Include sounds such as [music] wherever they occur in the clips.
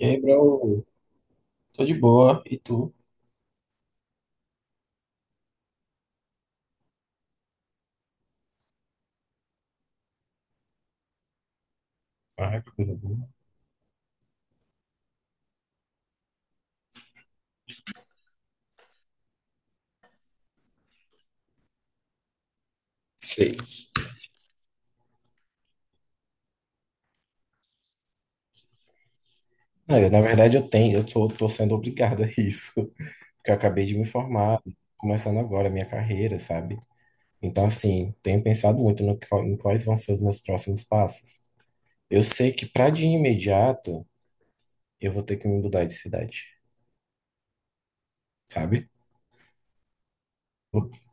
E aí, bro? Tô de boa. E tu? Ah, que coisa boa. Sei. É, na verdade, eu tô sendo obrigado a isso, [laughs] porque eu acabei de me formar, começando agora a minha carreira, sabe? Então, assim, tenho pensado muito no, qual- em quais vão ser os meus próximos passos. Eu sei que para de imediato eu vou ter que me mudar de cidade, sabe?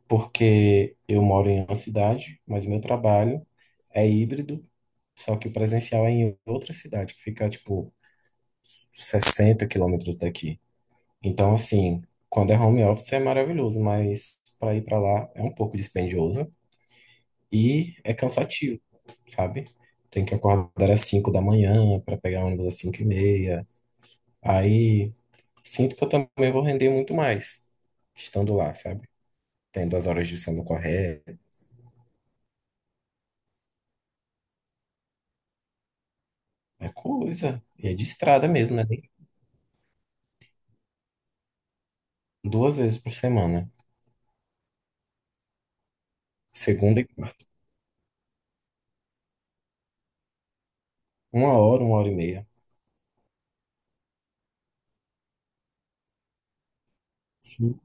Porque eu moro em uma cidade, mas meu trabalho é híbrido, só que o presencial é em outra cidade, que fica, tipo, 60 quilômetros daqui. Então, assim, quando é home office é maravilhoso, mas para ir para lá é um pouco dispendioso e é cansativo, sabe? Tem que acordar às 5 da manhã para pegar ônibus às 5h30. Aí sinto que eu também vou render muito mais estando lá, sabe? Tendo as horas de sono corretas. É coisa. E é de estrada mesmo, né? Duas vezes por semana. Segunda e quarta. Uma hora e meia. Sim.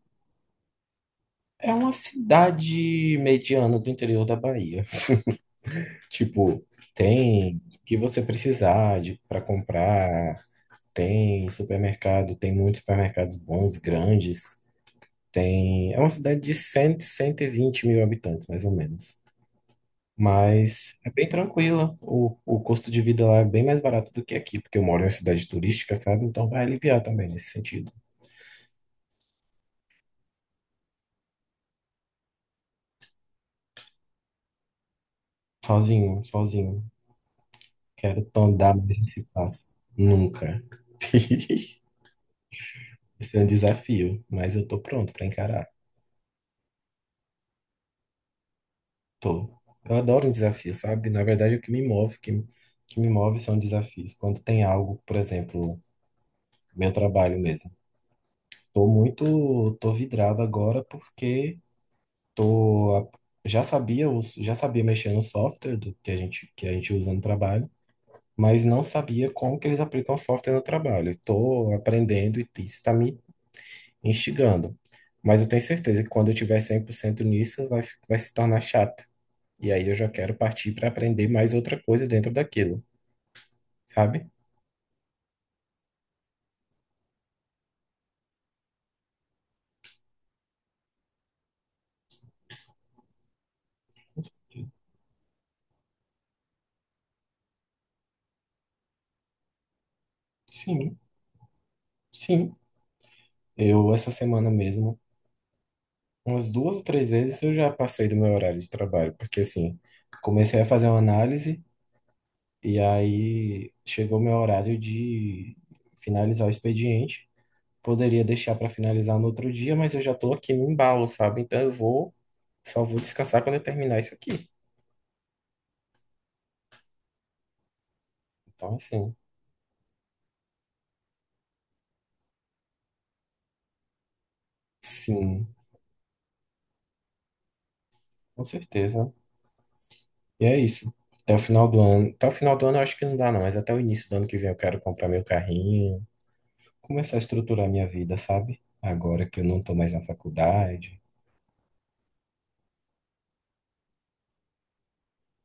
É uma cidade mediana do interior da Bahia. [laughs] Tipo, tem o que você precisar de para comprar, tem supermercado, tem muitos supermercados bons, grandes. Tem, é uma cidade de cem, 120 mil habitantes, mais ou menos. Mas é bem tranquila. O custo de vida lá é bem mais barato do que aqui, porque eu moro em uma cidade turística, sabe? Então vai aliviar também nesse sentido. Sozinho, sozinho. Quero andar mais nesse espaço. Nunca. [laughs] Esse é um desafio, mas eu tô pronto para encarar. Tô. Eu adoro um desafio, sabe? Na verdade, o que me move, que me move são desafios. Quando tem algo, por exemplo, meu trabalho mesmo. Tô vidrado agora porque tô, a- já sabia, já sabia mexer no software do que a gente usa no trabalho, mas não sabia como que eles aplicam o software no trabalho. Tô aprendendo e isso está me instigando. Mas eu tenho certeza que quando eu tiver 100% nisso, vai se tornar chato. E aí eu já quero partir para aprender mais outra coisa dentro daquilo, sabe? Sim, sim. Essa semana mesmo, umas duas ou três vezes eu já passei do meu horário de trabalho, porque assim, comecei a fazer uma análise e aí chegou meu horário de finalizar o expediente. Poderia deixar para finalizar no outro dia, mas eu já tô aqui no embalo, sabe? Só vou descansar quando eu terminar isso aqui. Então, assim, sim, com certeza. E é isso. Até o final do ano eu acho que não dá, não, mas até o início do ano que vem eu quero comprar meu carrinho, começar a estruturar minha vida, sabe? Agora que eu não tô mais na faculdade.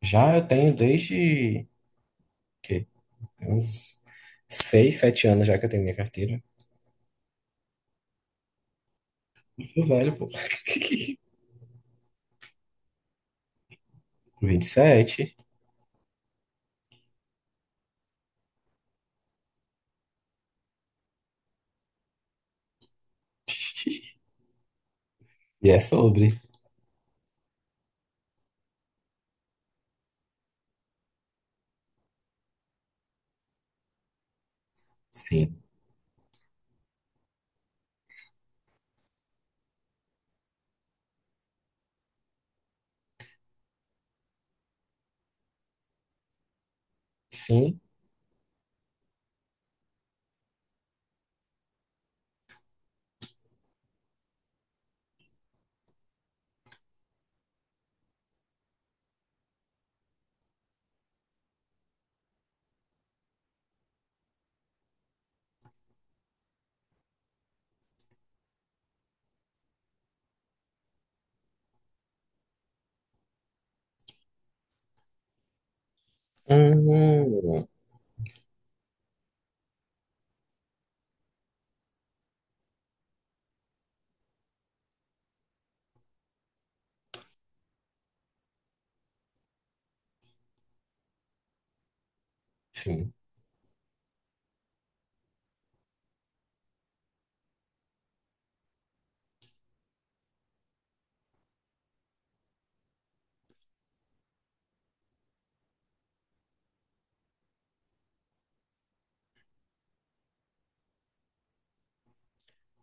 Já eu tenho desde que uns 6, 7 anos já que eu tenho minha carteira. Eu sou velho, pô. [laughs] 27. E sete. E é sobre. Sim. Sim. Hum, sim.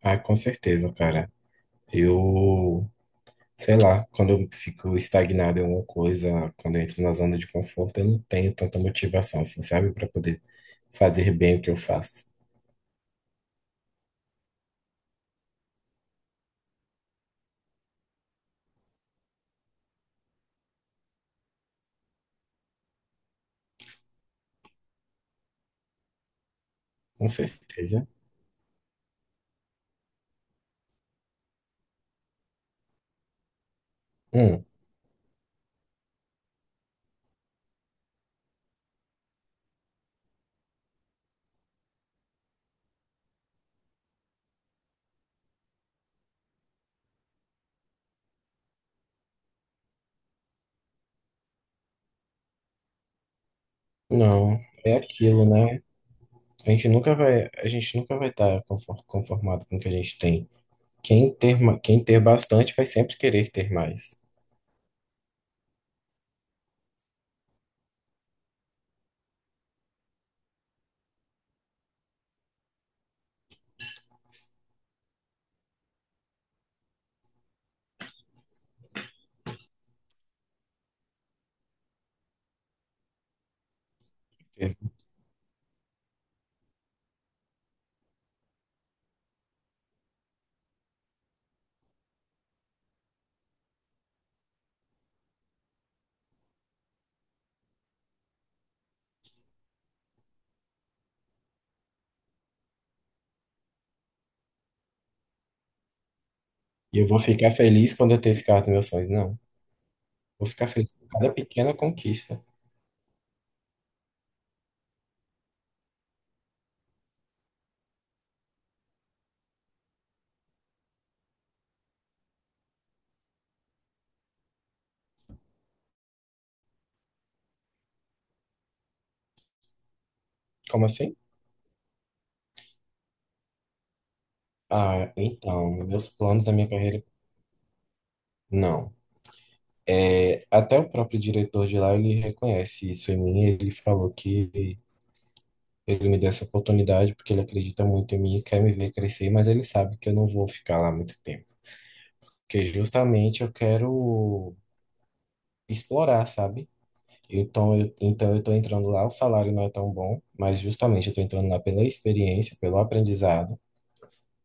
Ah, com certeza, cara. Eu sei lá, quando eu fico estagnado em alguma coisa, quando eu entro na zona de conforto, eu não tenho tanta motivação, assim, sabe, para poder fazer bem o que eu faço. Com certeza. Hum, não, é aquilo, né? A gente nunca vai estar conformado com o que a gente tem. Quem ter bastante vai sempre querer ter mais. E eu vou ficar feliz quando eu ter esse carro dos meus sonhos. Não, vou ficar feliz com cada pequena conquista. Como assim? Ah, então, meus planos da minha carreira, não. É, até o próprio diretor de lá, ele reconhece isso em mim, ele falou que ele me deu essa oportunidade porque ele acredita muito em mim e quer me ver crescer, mas ele sabe que eu não vou ficar lá muito tempo, porque justamente eu quero explorar, sabe? Então eu tô entrando lá, o salário não é tão bom, mas justamente eu tô entrando lá pela experiência, pelo aprendizado.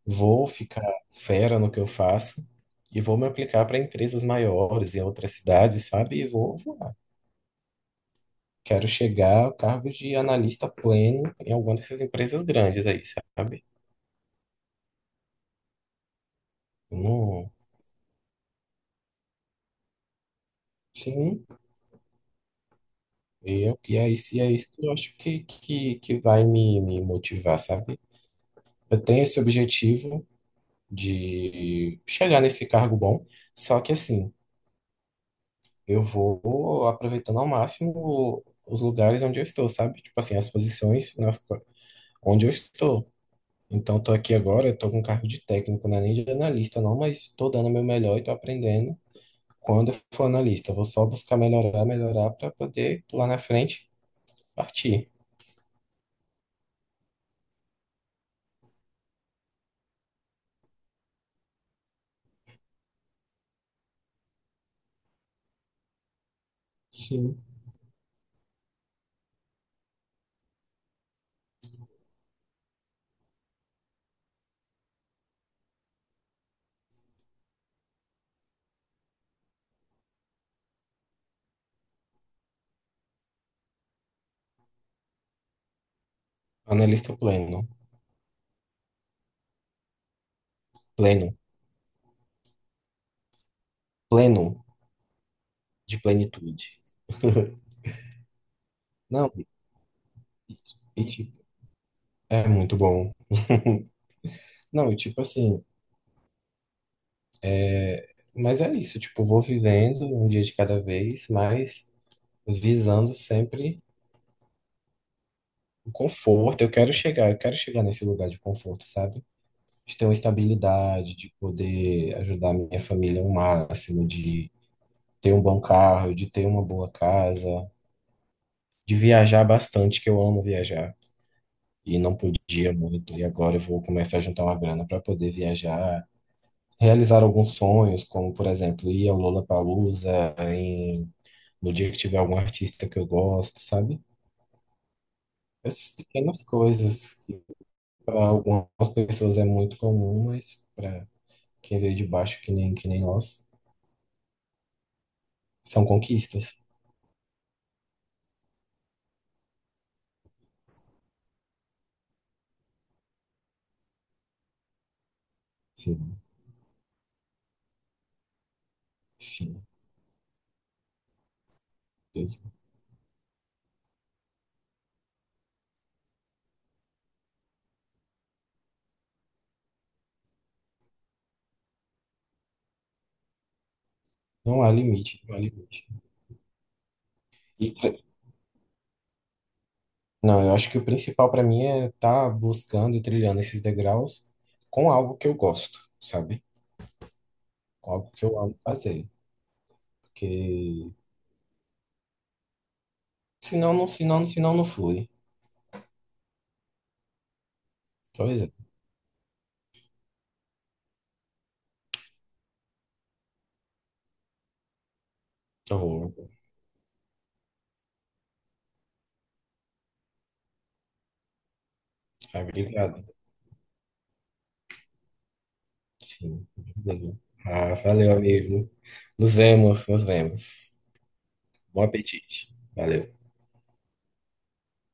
Vou ficar fera no que eu faço e vou me aplicar para empresas maiores em outras cidades, sabe? E vou voar. Quero chegar ao cargo de analista pleno em alguma dessas empresas grandes aí, sabe? Não- sim, e aí se é isso que eu acho que vai me motivar, sabe? Eu tenho esse objetivo de chegar nesse cargo bom, só que assim, eu vou aproveitando ao máximo os lugares onde eu estou, sabe? Tipo assim, as posições, onde eu estou. Então, estou aqui agora, estou com cargo de técnico, não é nem de analista, não, mas estou dando o meu melhor e estou aprendendo. Quando eu for analista, eu vou só buscar melhorar, melhorar para poder lá na frente partir. Sim. Analista pleno, pleno, pleno de plenitude. [laughs] Não, e tipo, é muito bom. [laughs] Não, e tipo assim, é, mas é isso, tipo, vou vivendo um dia de cada vez, mas visando sempre o conforto. Eu quero chegar nesse lugar de conforto, sabe? De ter uma estabilidade, de poder ajudar a minha família ao máximo, de ter um bom carro, de ter uma boa casa, de viajar bastante, que eu amo viajar. E não podia muito, e agora eu vou começar a juntar uma grana para poder viajar, realizar alguns sonhos, como por exemplo, ir ao Lollapalooza no dia que tiver algum artista que eu gosto, sabe? Essas pequenas coisas que para algumas pessoas é muito comum, mas para quem veio de baixo que nem nós, são conquistas. Sim, sim. Deus. Não há limite, não há limite. E, pre- não, eu acho que o principal para mim é estar buscando e trilhando esses degraus com algo que eu gosto, sabe? Com algo que eu amo fazer. Porque senão não flui. Pois é. Então, ah, obrigado. Sim, obrigado. Ah, valeu, amigo. Nos vemos, nos vemos. Bom apetite. Valeu.